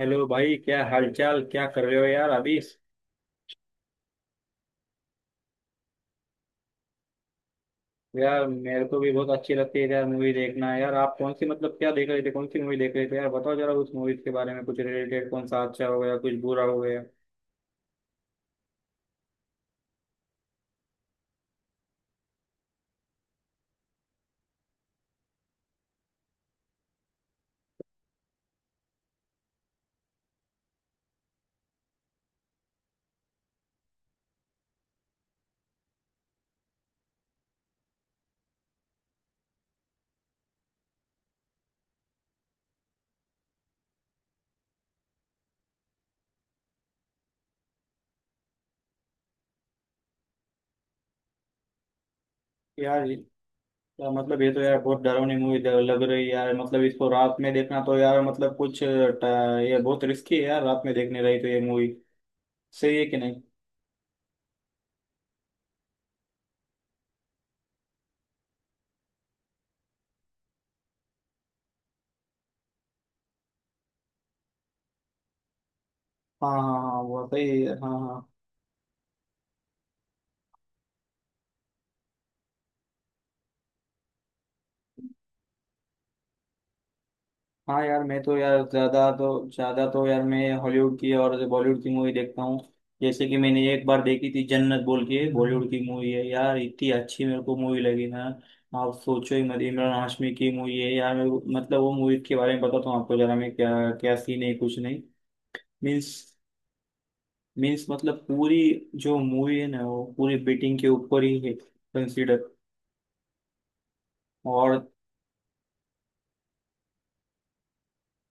Hello भाई, क्या हालचाल, क्या कर रहे हो यार अभी। यार मेरे को भी बहुत अच्छी लगती है यार मूवी देखना। यार आप कौन सी मतलब क्या देख रहे थे, कौन सी मूवी देख रहे थे यार, बताओ जरा उस मूवी के बारे में कुछ रिलेटेड, कौन सा अच्छा हो गया कुछ बुरा हो गया। यार यार मतलब ये तो यार बहुत डरावनी मूवी लग रही है यार, मतलब इसको रात में देखना तो यार मतलब कुछ ये बहुत रिस्की है यार, रात में देखने रही तो ये मूवी, सही है कि नहीं। हाँ हाँ हाँ, वो सही है, हाँ हाँ। हाँ यार मैं तो यार ज्यादा तो यार मैं हॉलीवुड की और बॉलीवुड की मूवी देखता हूँ। जैसे कि मैंने एक बार देखी थी, जन्नत बोल के, बॉलीवुड की मूवी है यार, इतनी अच्छी मेरे को मूवी लगी ना। आप सोचो ही मत, इमरान हाशमी की मूवी है यार। मेरे को मतलब वो मूवी के बारे में बताता हूँ आपको जरा मैं, क्या क्या सीन है कुछ नहीं। मीन्स मीन्स मतलब पूरी जो मूवी है ना, वो पूरी बेटिंग के ऊपर ही है, कंसिडर। और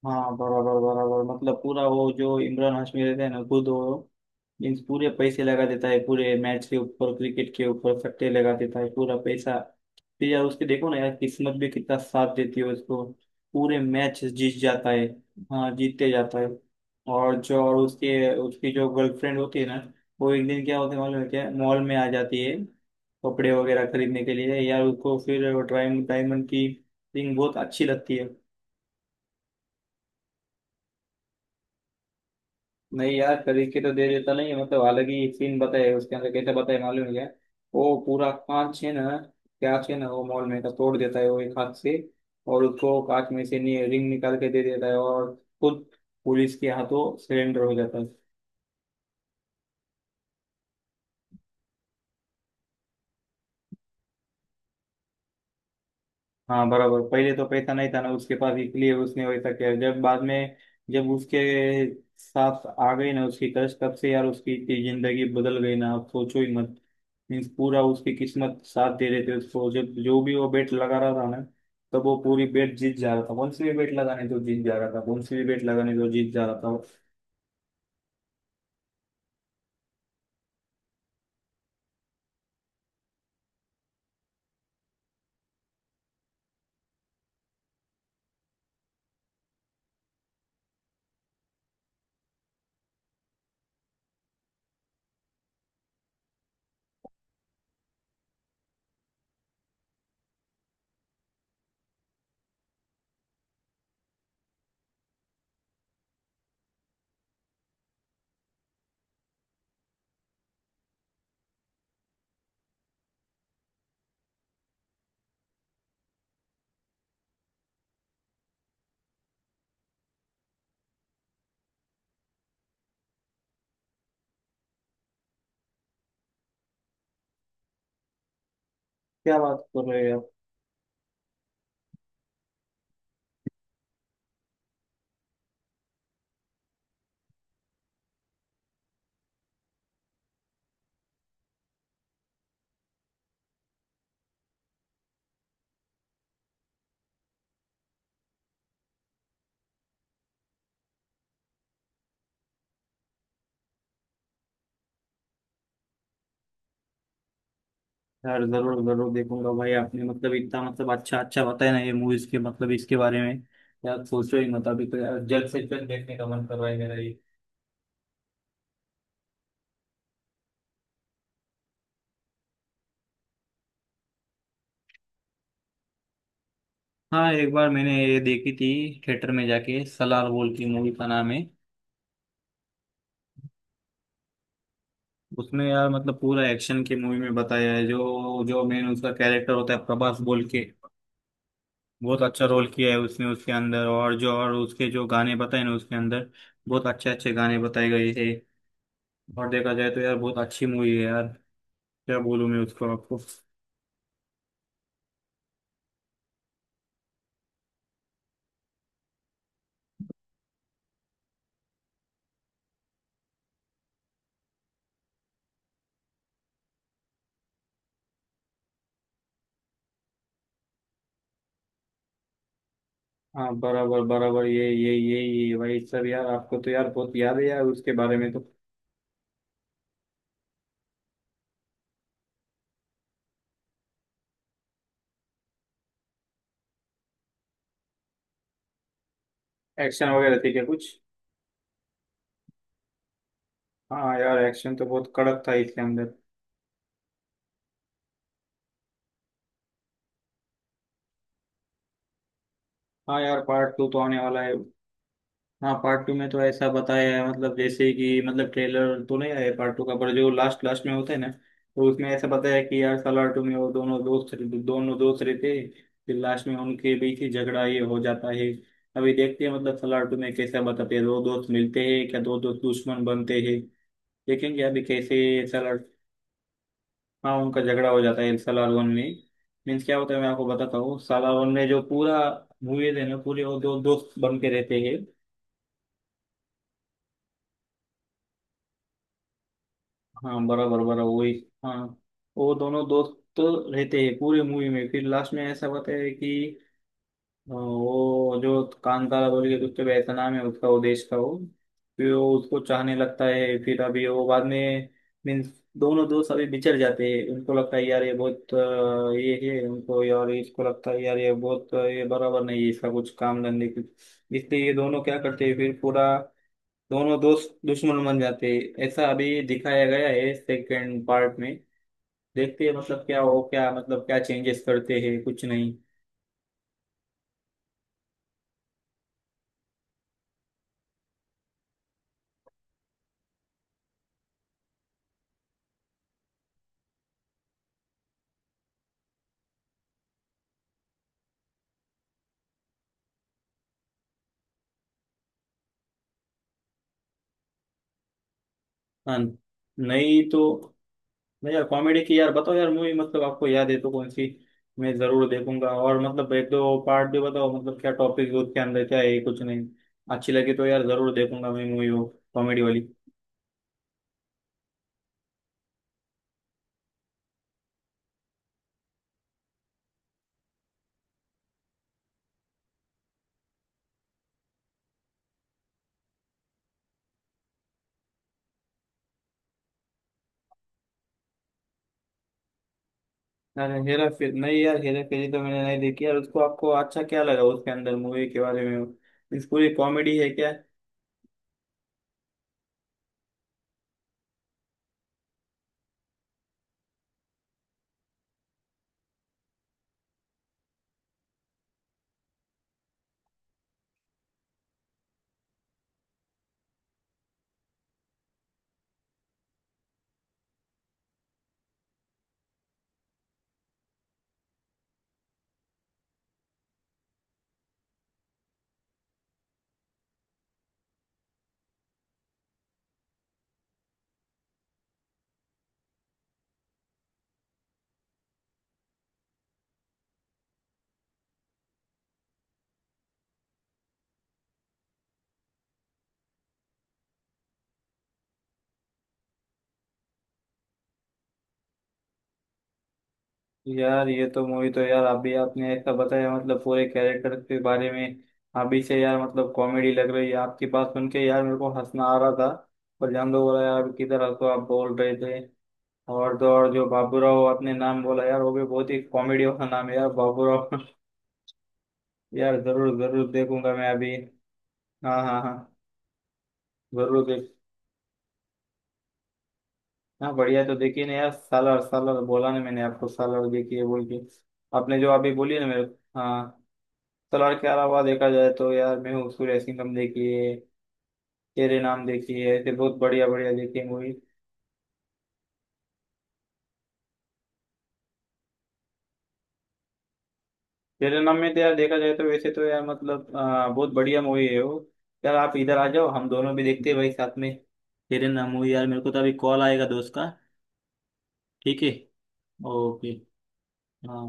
हाँ बराबर बराबर, मतलब पूरा वो जो इमरान हाशमी रहता है ना खुद वो, मीन्स पूरे पैसे लगा देता है पूरे मैच के ऊपर, क्रिकेट के ऊपर सट्टे लगा देता है पूरा पैसा। फिर यार उसके देखो ना यार किस्मत भी कितना साथ देती है उसको, पूरे मैच जीत जाता है। हाँ जीतते जाता है। और उसके उसकी जो गर्लफ्रेंड होती है ना, वो एक दिन क्या होता है मालूम है क्या, मॉल में आ जाती है कपड़े वगैरह खरीदने के लिए। यार उसको फिर डायमंड डायमंड की रिंग बहुत अच्छी लगती है। नहीं यार खरीद के तो दे देता नहीं है, मतलब अलग ही सीन बताया उसके अंदर, कैसे बताया मालूम है क्या। वो पूरा कांच है ना, वो मॉल में का तोड़ देता है वो एक हाथ से, और उसको कांच में से रिंग निकाल के दे देता है, और खुद पुलिस के हाथों सिलेंडर हो जाता है। हाँ बराबर, पहले तो पैसा नहीं था ना उसके पास, इसलिए उसने वैसा किया। जब बाद में, जब उसके साथ आ गई ना उसकी कष्ट, तब से यार उसकी इतनी जिंदगी बदल गई ना, आप सोचो ही मत। मीन्स पूरा उसकी किस्मत साथ दे रहे थे उसको, जब जो भी वो बेट लगा रहा था ना, तब वो पूरी बेट जीत जा रहा था। कौन सी भी बेट लगाने तो जीत जा रहा था, कौन सी भी बेट लगाने तो जीत जा रहा था। क्या बात कर रहे हैं। यार जरूर जरूर देखूंगा भाई, आपने मतलब इतना मतलब अच्छा अच्छा बताया ना ये मूवीज के मतलब इसके बारे में। यार सोचो ही मत, अभी तो यार जल्द से जल्द देखने का मन कर रहा है मेरा ये। हाँ एक बार मैंने ये देखी थी थिएटर में जाके, सलार बोल की मूवी का नाम है। उसमें यार मतलब पूरा एक्शन की मूवी में बताया है। जो जो मेन उसका कैरेक्टर होता है प्रभास बोल के, बहुत अच्छा रोल किया है उसने उसके अंदर। और उसके जो गाने बताए ना उसके अंदर, बहुत अच्छे अच्छे गाने बताए गए थे। और देखा जाए तो यार बहुत अच्छी मूवी है यार, क्या बोलूँ मैं उसको आपको। हाँ बराबर बराबर, ये भाई सर, यार आपको तो यार बहुत याद है यार उसके बारे में तो। एक्शन वगैरह थी क्या कुछ। हाँ यार एक्शन तो बहुत कड़क था इसके अंदर। हाँ यार पार्ट टू तो आने वाला है। हाँ पार्ट टू में तो ऐसा बताया है, मतलब जैसे कि मतलब ट्रेलर तो नहीं आया पार्ट टू का, पर जो लास्ट लास्ट में होता है ना, तो उसमें ऐसा बताया है कि यार सालार टू में वो दोनों दोस्त रहते हैं, फिर लास्ट में उनके बीच ही झगड़ा ये हो जाता है। अभी देखते हैं मतलब सालार टू में कैसा बताते हैं, दो दोस्त मिलते हैं क्या, दो दोस्त दुश्मन बनते हैं, देखेंगे अभी कैसे। सालार, हाँ उनका झगड़ा हो जाता है सालार वन में। मीन्स क्या होता है मैं आपको बताता हूँ, सालार वन में जो पूरा मूवीज है ना पूरे, वो दो दोस्त बन के रहते हैं। हाँ बराबर बराबर वही। हाँ, वो दोनों दोस्त रहते हैं पूरी मूवी में, फिर लास्ट में ऐसा बताया कि वो जो कांतारा बोल के कुछ तो ऐसा नाम है उसका, वो देश का वो, फिर वो उसको चाहने लगता है फिर अभी वो बाद में। मीन्स दोनों दोस्त अभी बिछड़ जाते हैं, उनको लगता है यार ये बहुत ये है उनको, यार इसको लगता है यार ये बहुत ये बराबर नहीं है इसका, कुछ काम धंधे कुछ। इसलिए ये दोनों क्या करते हैं फिर पूरा, दोनों दोस्त दुश्मन बन जाते हैं, ऐसा अभी दिखाया गया है सेकंड पार्ट में। देखते हैं मतलब क्या हो क्या, मतलब क्या चेंजेस करते हैं कुछ नहीं। हाँ। नहीं तो। नहीं यार, कॉमेडी की यार बताओ यार मूवी, मतलब आपको याद है तो कौन सी, मैं जरूर देखूंगा, और मतलब एक दो पार्ट भी बताओ, मतलब क्या टॉपिक उसके अंदर क्या है कुछ नहीं। अच्छी लगी तो यार जरूर देखूंगा मैं मूवी वो, कॉमेडी वाली। अरे हेरा फेरी नहीं, यार हेरा फेरी तो मैंने नहीं देखी यार, उसको आपको अच्छा क्या लगा उसके अंदर, मूवी के बारे में इस पूरी, कॉमेडी है क्या। यार ये तो मूवी तो यार, अभी आपने ऐसा बताया मतलब पूरे कैरेक्टर के बारे में, अभी से यार मतलब कॉमेडी लग रही है आपकी बात सुन के, यार मेरे को हंसना आ रहा था, पर जान दो बोला यार, किधर हंसो आप बोल रहे थे। और तो और जो बाबूराव आपने नाम बोला यार, वो भी बहुत ही कॉमेडी वाला नाम है यार, बाबूराव। यार जरूर जरूर देखूंगा मैं अभी। हाँ हाँ हाँ, जरूर देख। हाँ बढ़िया तो देखिए ना यार, सालार सालार बोला ना मैंने आपको, सालार देखिए बोल के, आपने जो अभी बोली ना मेरे को, हाँ। सलार के अलावा देखा जाए तो यार, मैं हूँ सूर्य सिंघम देखिए, तेरे नाम देखिए, ऐसे बहुत बढ़िया बढ़िया देखिए मूवी। तेरे नाम में तो यार देखा जाए तो, वैसे तो यार मतलब बहुत बढ़िया मूवी है वो। यार आप इधर आ जाओ हम दोनों भी देखते हैं भाई साथ में, तेरे नाम मूवी। यार मेरे को तो अभी कॉल आएगा दोस्त का। ठीक है। ओके। हाँ,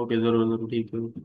ओके जरूर जरूर, ठीक है।